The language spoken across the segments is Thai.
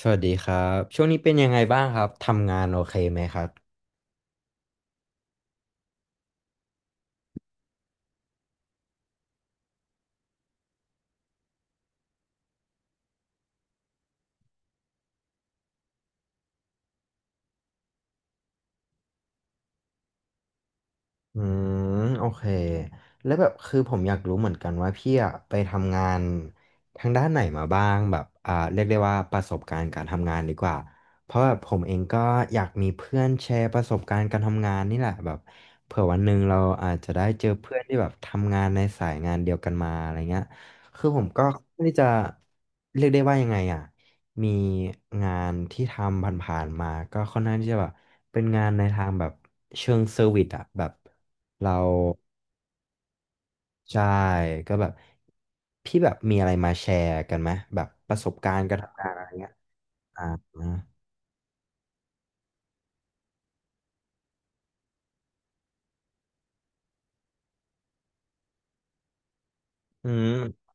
สวัสดีครับช่วงนี้เป็นยังไงบ้างครับทำงานโอเคไหมครับอืโอเคแล้วแบบคือผมอยากรู้เหมือนกันว่าพี่อะไปทำงานทางด้านไหนมาบ้างแบบเรียกได้ว่าประสบการณ์การทำงานดีกว่าเพราะแบบผมเองก็อยากมีเพื่อนแชร์ประสบการณ์การทำงานนี่แหละแบบเผื่อวันหนึ่งเราอาจจะได้เจอเพื่อนที่แบบทำงานในสายงานเดียวกันมาอะไรเงี้ยคือผมก็ไม่ได้จะเรียกได้ว่ายังไงอ่ะ มีงานที่ทำผ่านๆมาก็ค่อนข้างที่จะแบบเป็นงานในทางแบบเชิงเซอร์วิสอะแบบเราใช่ก็แบบพี่แบบมีอะไรมาแชร์กันไหมแบบประสบการณ์การทำงานอะไรเงี้ยอ่าอืม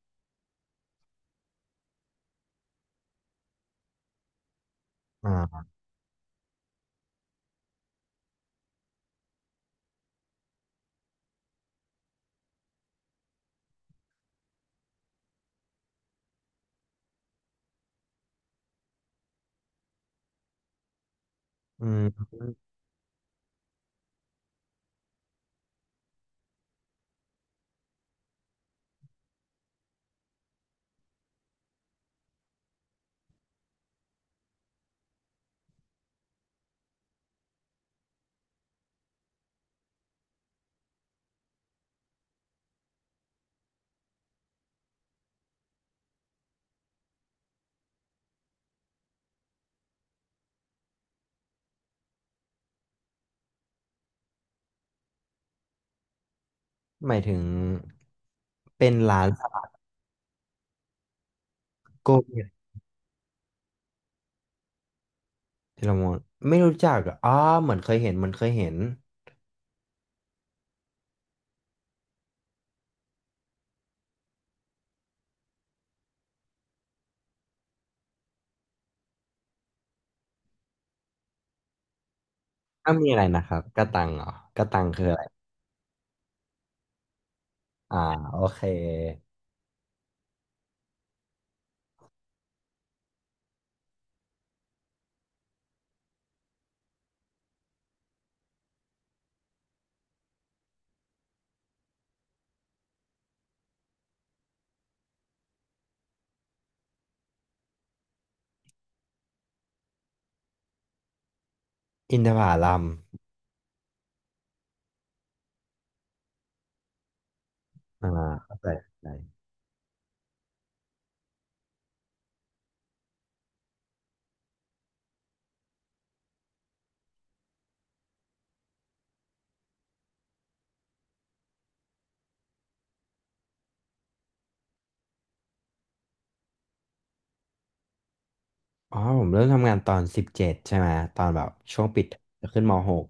อ่าอืมหมายถึงเป็นร้านสลัดโก้เนี่ยที่เรามองไม่รู้จักเหรออ๋อเหมือนเคยเห็นเหมันเคยเห็นอ้าวมีอะไรนะครับกระตังเหรอกระตังคืออะไรอ่าโอเคอินทผลัม อ่าเข้าใจเข้าใจอ๋อผมเริ่มทำงานตอน17ใช่ไหมตอนแบบช่วงปิดจะขึ้นมหก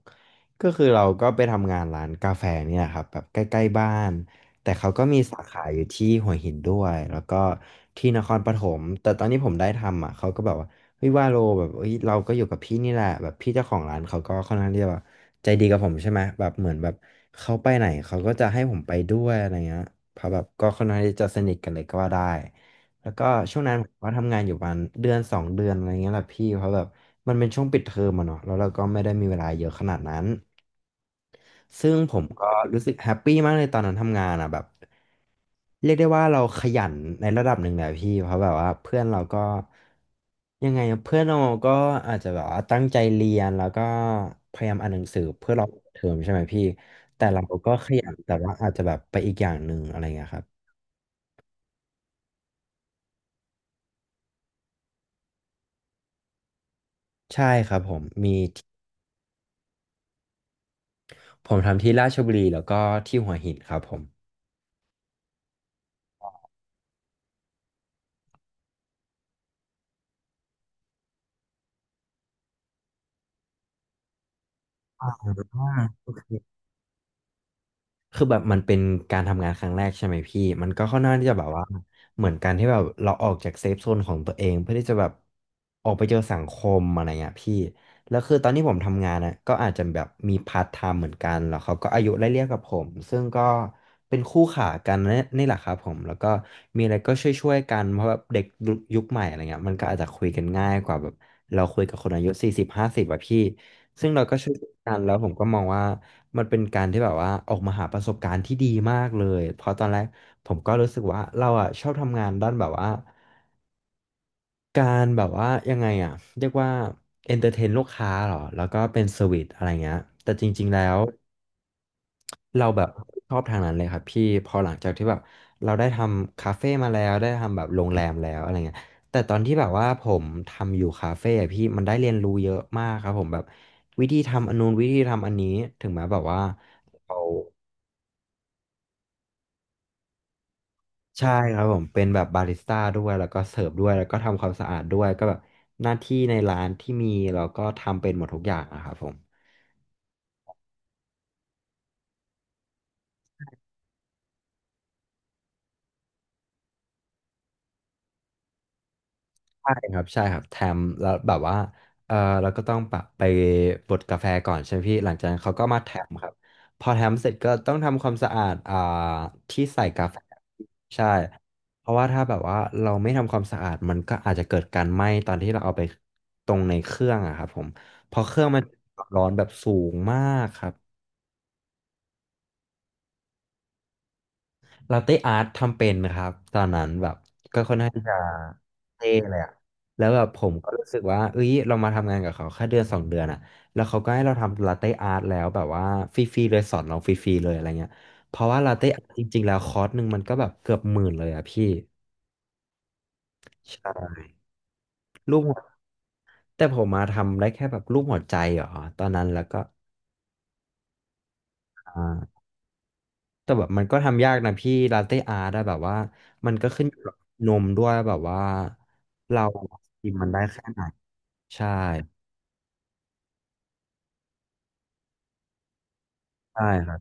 ก็คือเราก็ไปทำงานร้านกาแฟเนี่ยครับแบบใกล้ๆบ้านแต่เขาก็มีสาขาอยู่ที่หัวหินด้วยแล้วก็ที่นครปฐมแต่ตอนที่ผมได้ทำอ่ะเขาก็แบบว่าเฮ้ยว่าโลแบบเฮ้ยเราก็อยู่กับพี่นี่แหละแบบพี่เจ้าของร้านเขาก็ค่อนข้างที่จะแบบใจดีกับผมใช่ไหมแบบเหมือนแบบเขาไปไหนเขาก็จะให้ผมไปด้วยอะไรเงี้ยเพราะแบบก็ค่อนข้างที่จะสนิทกันเลยก็ว่าได้ แล้วก็ช่วงนั้นผมก็ทำงานอยู่ประมาณเดือนสองเดือนอะไรเงี้ยแหละพี่เพราะแบบมันเป็นช่วงปิดเทอมอะเนาะแล้วเราก็ไม่ได้มีเวลาเยอะขนาดนั้นซึ่งผมก็รู้สึกแฮปปี้มากเลยตอนนั้นทำงานอะแบบเรียกได้ว่าเราขยันในระดับหนึ่งแหละพี่เพราะแบบว่าเพื่อนเราก็ยังไงอะเพื่อนเราก็อาจจะแบบว่าตั้งใจเรียนแล้วก็พยายามอ่านหนังสือเพื่อรอเทอมใช่ไหมพี่แต่เราก็ขยันแต่ว่าอาจจะแบบไปอีกอย่างหนึ่งอะไรเงี้ยครับใช่ครับผมผมทำที่ราชบุรีแล้วก็ที่หัวหินครับผม อ่าคือแบบมันเป็นการทำงานครั้งแรกใช่ไหมพี่มันก็ค่อนข้างที่จะแบบว่าเหมือนการที่แบบเราออกจากเซฟโซนของตัวเองเพื่อที่จะแบบออกไปเจอสังคมอะไรเงี้ยพี่แล้วคือตอนที่ผมทำงานนะก็อาจจะแบบมีพาร์ทไทม์เหมือนกันแล้วเขาก็อายุไล่เลี่ยกับผมซึ่งก็เป็นคู่ขากันนี่แหละครับผมแล้วก็มีอะไรก็ช่วยๆกันเพราะแบบเด็กยุคใหม่อะไรเงี้ยมันก็อาจจะคุยกันง่ายกว่าแบบเราคุยกับคนอายุ40 50อะพี่ซึ่งเราก็ช่วยกันแล้วผมก็มองว่า มันเป็นการที่แบบว่าออกมาหาประสบการณ์ที่ดีมากเลยเพราะตอนแรกผมก็รู้สึกว่าเราอ่ะชอบทำงานด้านแบบว่าการแบบว่ายังไงอ่ะเรียกว่าเอนเตอร์เทนลูกค้าเหรอแล้วก็เป็นเซอร์วิสอะไรเงี้ยแต่จริงๆแล้วเราแบบชอบทางนั้นเลยครับพี่พอหลังจากที่แบบเราได้ทำคาเฟ่มาแล้วได้ทำแบบโรงแรมแล้วอะไรเงี้ยแต่ตอนที่แบบว่าผมทำอยู่คาเฟ่อะพี่มันได้เรียนรู้เยอะมากครับผมแบบวิธีทำอันนู้นวิธีทำอันนี้ถึงแม้แบบว่าเรา ใช่ครับผมเป็นแบบบาริสต้าด้วยแล้วก็เสิร์ฟด้วยแล้วก็ทำความสะอาดด้วยก็แบบหน้าที่ในร้านที่มีเราก็ทำเป็นหมดทุกอย่างอะครับผมใช่ครับแถมแล้วแบบว่าเออเราก็ต้องแบไปบดกาแฟก่อนใช่ไหมพี่หลังจากนั้นเขาก็มาแถมครับพอแถมเสร็จก็ต้องทำความสะอาดที่ใส่กาแฟใช่เพราะว่าถ้าแบบว่าเราไม่ทำความสะอาดมันก็อาจจะเกิดการไหม้ตอนที่เราเอาไปตรงในเครื่องอะครับผมเพอเครื่องมันร้อนแบบสูงมากครับ ลาเต้อาร์ตทำเป็นนะครับตอนนั้นแบบน่าจะเท่เลยอะแล้วแบบผมก็รู้สึกว่าเอ้ยเรามาทำงานกับเขาแค่เดือนสองเดือนอะแล้วเขาก็ให้เราทำลาเต้อาร์ตแล้วแบบว่าฟรีๆเลยสอนเราฟรีๆเลยอะไรเงี้ยเพราะว่าลาเต้อาร์ตจริงๆแล้วคอร์สหนึ่งมันก็แบบเกือบหมื่นเลยอะพี่ใช่รูปหัวแต่ผมมาทำได้แค่แบบรูปหัวใจเหรอตอนนั้นแล้วก็อ่าแต่แบบมันก็ทำยากนะพี่ลาเต้อาร์ตอะแบบว่ามันก็ขึ้นอยู่กับนมด้วยแบบว่าเรากินมันได้แค่ไหน ใช่ใช่ครับ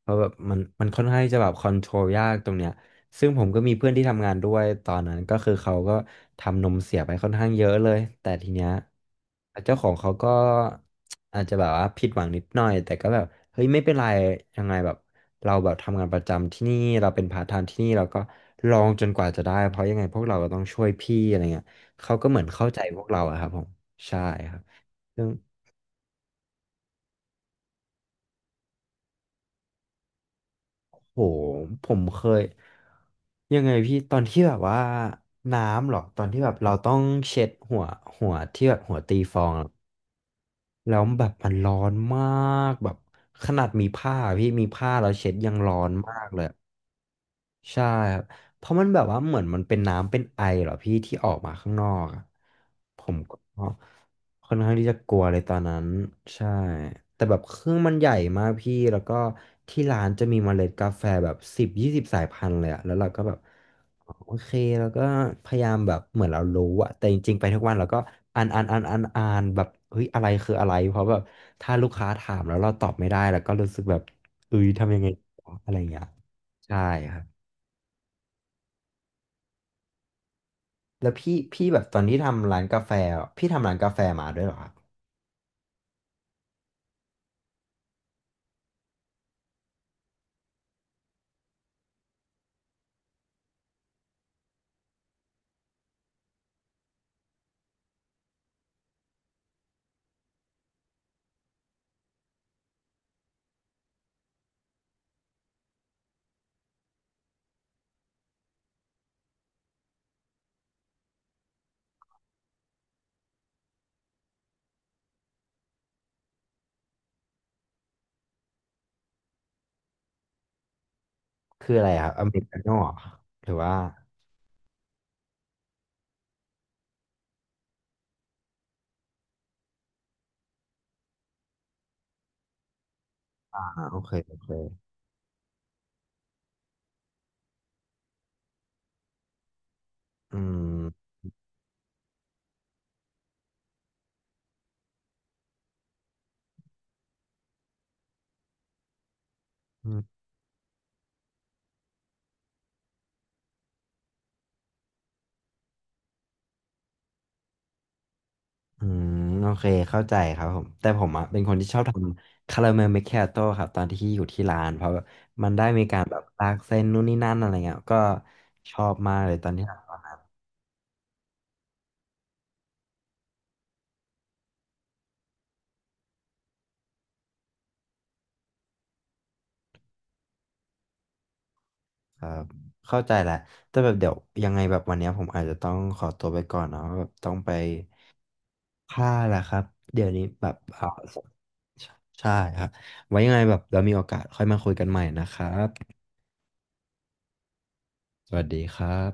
เพราะแบบมันค่อนข้างที่จะแบบคอนโทรลยากตรงเนี้ยซึ่งผมก็มีเพื่อนที่ทำงานด้วยตอนนั้นก็คือเขาก็ทำนมเสียไปค่อนข้างเยอะเลยแต่ทีเนี้ยเจ้าของเขาก็ อาจจะแบบว่าผิดหวังนิดหน่อยแต่ก็แบบเฮ้ยไม่เป็นไรยังไงแบบเราแบบทำงานประจำที่นี่เราเป็นพาร์ทไทม์ที่นี่เราก็ลองจนกว่าจะได้เพราะยังไงพวกเราก็ต้องช่วยพี่อะไรเงี้ยเขาก็เหมือนเข้าใจพวกเราอะครับผมใช่ครับ โหผมเคยยังไงพี่ตอนที่แบบว่าน้ำเหรอตอนที่แบบเราต้องเช็ดหัวหัวที่แบบหัวตีฟองอะแล้วแบบมันร้อนมากแบบขนาดมีผ้าพี่มีผ้าเราเช็ดยังร้อนมากเลย ใช่ครับเพราะมันแบบว่าเหมือนมันเป็นน้ำเป็นไอเหรอพี่ที่ออกมาข้างนอกอะผมก็ค่อนข้างที่จะกลัวเลยตอนนั้นใช่แต่แบบเครื่องมันใหญ่มากพี่แล้วก็ที่ร้านจะมีเมล็ดกาแฟแบบสิบยี่สิบสายพันธุ์เลยอะแล้วเราก็แบบอ๋อโอเคแล้วก็พยายามแบบเหมือนเรารู้อะแต่จริงๆไปทุกวันเราก็อ่านอ่านอ่านอ่านอ่านแบบเฮ้ยอะไรคืออะไรเพราะแบบถ้าลูกค้าถามแล้วเราตอบไม่ได้แล้วก็รู้สึกแบบเอ้ยทำยังไงวะอะไรอย่างเงี้ยใช่ครับ แล้วพี่แบบตอนที่ทำร้านกาแฟอะพี่ทำร้านกาแฟมาด้วยเหรอครับคืออะไรครับอเมริกาโน่เหรอหรือว่าอ่าโอเคโอเคอืมอืมอืมโอเคเข้าใจครับผมแต่ผมอ่ะเป็นคนที่ชอบทำคาราเมลเมคคิอาโต้ครับตอนที่อยู่ที่ร้านเพราะแมันได้มีการแบบลากเส้นนู่นนี่นั่นอะไรเงี้ยก็ชอบมากเลยตอนที่ทำครับเข้าใจแหละแต่แบบเดี๋ยวยังไงแบบวันเนี้ยผมอาจจะต้องขอตัวไปก่อนเนาะแบบต้องไปผ้าแหละครับเดี๋ยวนี้แบบใช่ครับไว้ยังไงแบบเรามีโอกาสค่อยมาคุยกันใหม่นะครับสวัสดีครับ